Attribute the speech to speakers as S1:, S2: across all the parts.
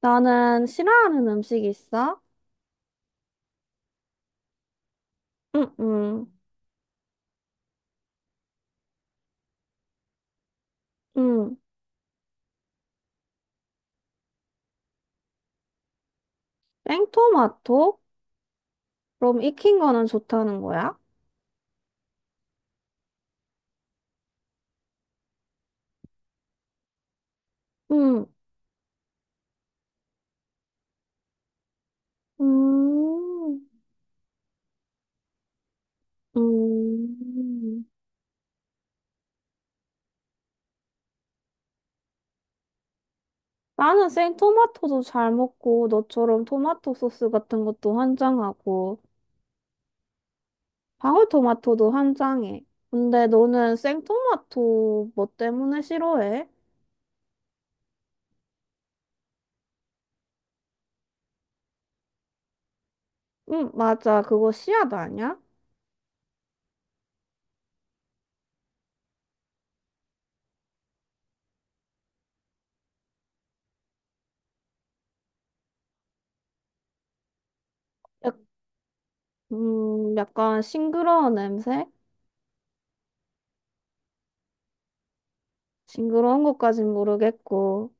S1: 나는 싫어하는 음식 있어? 응, 응, 응. 생토마토? 그럼 익힌 거는 좋다는 거야? 응, 음, 음. 나는 생토마토도 잘 먹고, 너처럼 토마토 소스 같은 것도 환장하고, 방울토마토도 환장해. 근데 너는 생토마토 뭐 때문에 싫어해? 응, 맞아. 그거 씨앗 아니야? 약- 약간 싱그러운 냄새? 징그러운 것까진 모르겠고,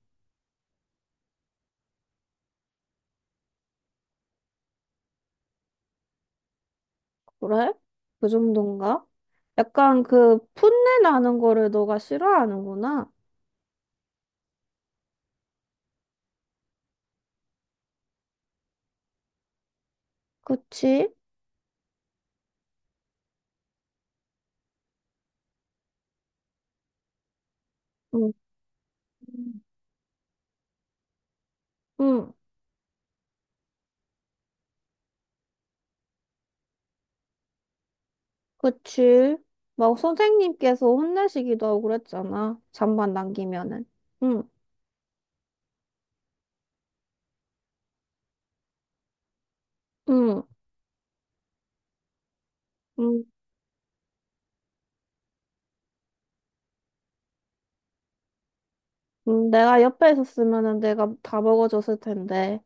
S1: 그래? 그 정도인가? 약간 그 풋내 나는 거를 너가 싫어하는구나. 그치? 응, 응, 그치. 막 선생님께서 혼내시기도 하고 그랬잖아. 잠만 남기면은. 응, 응, 응. 응, 내가 옆에 있었으면은 내가 다 먹어줬을 텐데.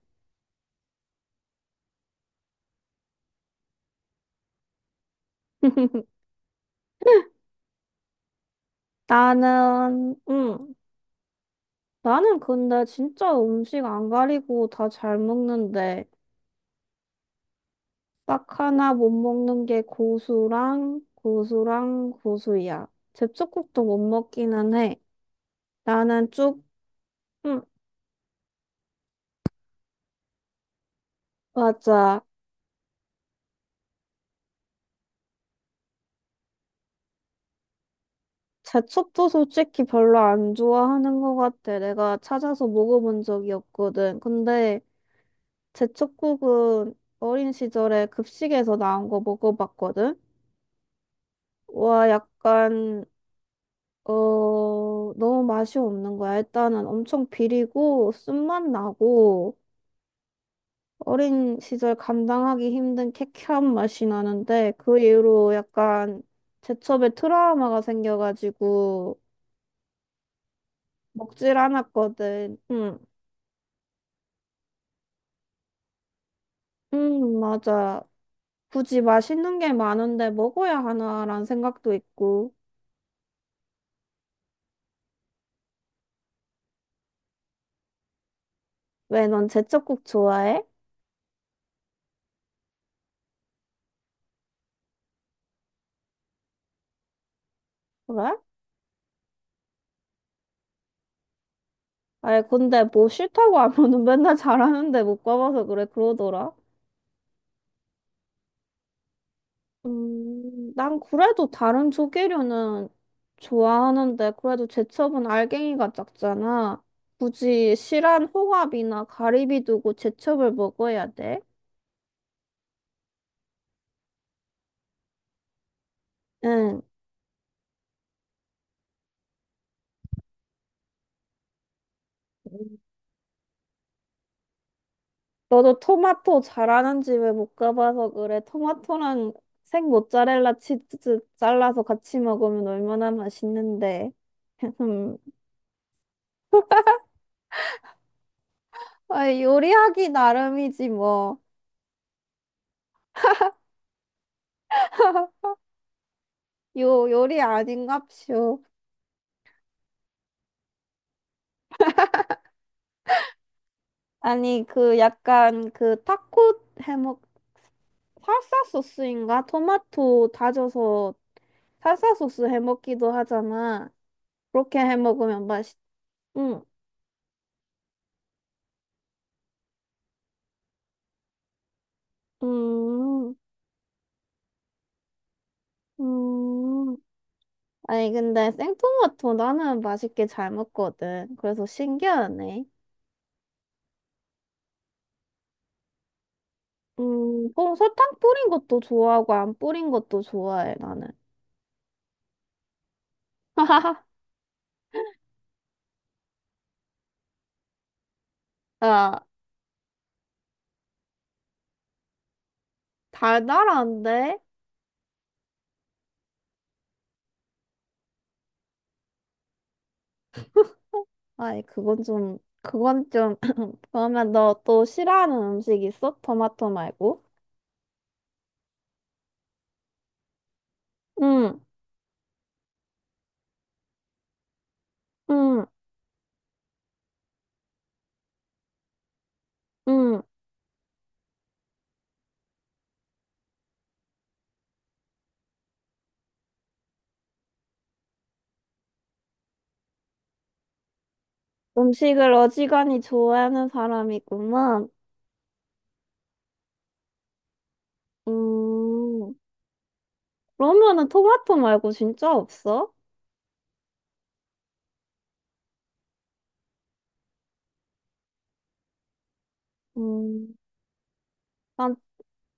S1: 나는, 응. 나는 근데 진짜 음식 안 가리고 다 잘 먹는데. 딱 하나 못 먹는 게 고수랑 고수랑 고수야. 제첩국도 못 먹기는 해. 나는 쭉, 음, 맞아. 제첩도 솔직히 별로 안 좋아하는 것 같아. 내가 찾아서 먹어본 적이 없거든. 근데 제첩국은 어린 시절에 급식에서 나온 거 먹어봤거든. 와, 약간, 어, 너무 맛이 없는 거야. 일단은 엄청 비리고 쓴맛 나고. 어린 시절 감당하기 힘든 쾌쾌한 맛이 나는데 그 이후로 약간 제첩에 트라우마가 생겨가지고 먹질 않았거든. 응, 응, 맞아. 굳이 맛있는 게 많은데 먹어야 하나라는 생각도 있고. 왜 넌 제첩국 좋아해? 그래? 아니 근데 뭐 싫다고 하면은 맨날 잘하는데 못 가봐서 그래 그러더라. 난 그래도 다른 조개류는 좋아하는데, 그래도 제첩은 알갱이가 작잖아. 굳이 실한 홍합이나 가리비 두고 제첩을 먹어야 돼? 응. 너도 토마토 잘하는 집에 못 가봐서 그래. 토마토랑 생 모짜렐라 치즈 잘라서 같이 먹으면 얼마나 맛있는데. 음. 아, 요리하기 나름이지, 뭐. 요리 아닌갑쇼. 아니, 그 약간 그 타코 해먹, 살사 소스인가? 토마토 다져서 살사 소스 해먹기도 하잖아. 그렇게 해먹으면 맛있, 응, 음, 음. 아니, 근데 생토마토 나는 맛있게 잘 먹거든. 그래서 신기하네. 뭐 설탕 뿌린 것도 좋아하고 안 뿌린 것도 좋아해, 나는. 아, 달달한데? 아니, 그건 좀 그러면 너 또 싫어하는 음식 있어? 토마토 말고? 응, 응, 응. 음식을 어지간히 좋아하는 사람이구만. 음, 그러면은 토마토 말고 진짜 없어? 음, 난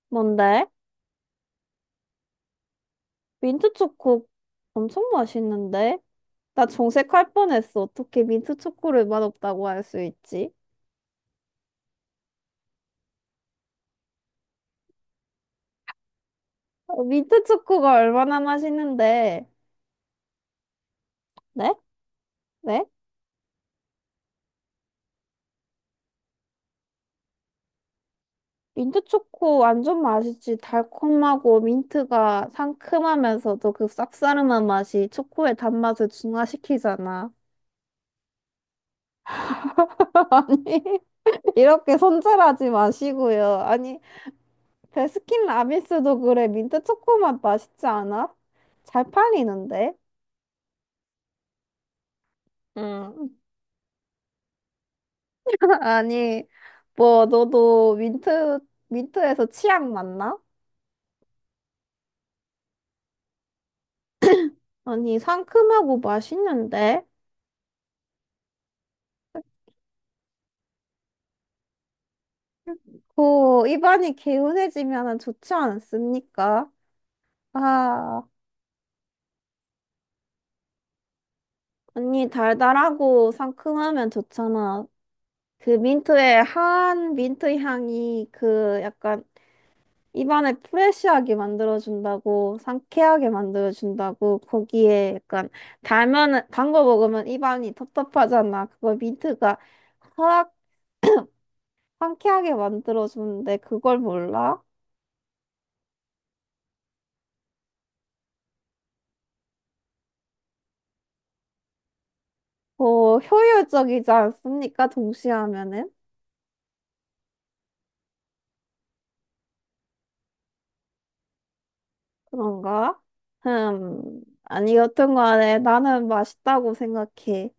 S1: 뭔데? 민트 초코 엄청 맛있는데? 나 정색할 뻔했어. 어떻게 민트 초코를 맛없다고 할 수 있지? 어, 민트 초코가 얼마나 맛있는데? 네? 네? 민트 초코 완전 맛있지. 달콤하고 민트가 상큼하면서도 그 쌉싸름한 맛이 초코의 단맛을 중화시키잖아. 아니, 이렇게 손절하지 마시고요. 아니, 베스킨라빈스도 그래. 민트 초코 맛 맛있지 않아? 잘 팔리는데? 응. 아니, 뭐, 너도 민트, 민트에서 치약 맞나? 아니, 상큼하고 맛있는데? 고 입안이 개운해지면 좋지 않습니까? 아, 언니 달달하고 상큼하면 좋잖아. 그 민트의 한 민트 향이 그 약간 입안을 프레쉬하게 만들어준다고, 상쾌하게 만들어준다고, 거기에 약간 달면은, 단거 먹으면 입안이 텁텁하잖아. 그걸 민트가 확 상쾌하게 만들어주는데 그걸 몰라? 어, 효율적이지 않습니까? 동시에 하면은? 그런가? 아니, 여튼 간에 나는 맛있다고 생각해.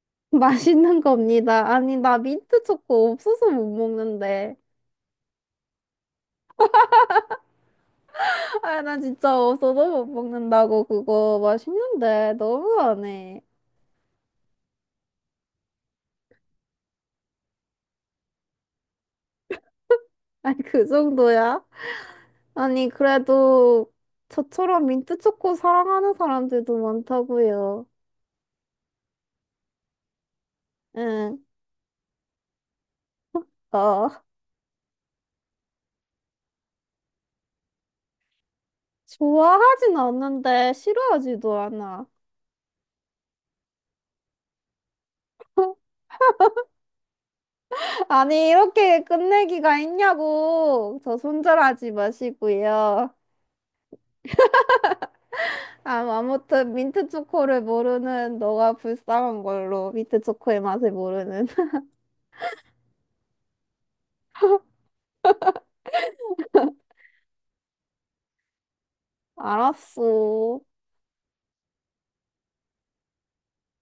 S1: 맛있는 겁니다. 아니, 나 민트 초코 없어서 못 먹는데. 아, 나 진짜 없어서 못 먹는다고 그거 맛있는데 너무하네. 아니, 그 정도야? 아니, 그래도 저처럼 민트 초코 사랑하는 사람들도 많다고요. 응, 어. 좋아하진 않는데 싫어하지도 않아. 아니, 이렇게 끝내기가 있냐고. 저 손절하지 마시고요. 아, 아무튼 민트 초코를 모르는 너가 불쌍한 걸로. 민트 초코의 맛을 모르는. 알았어.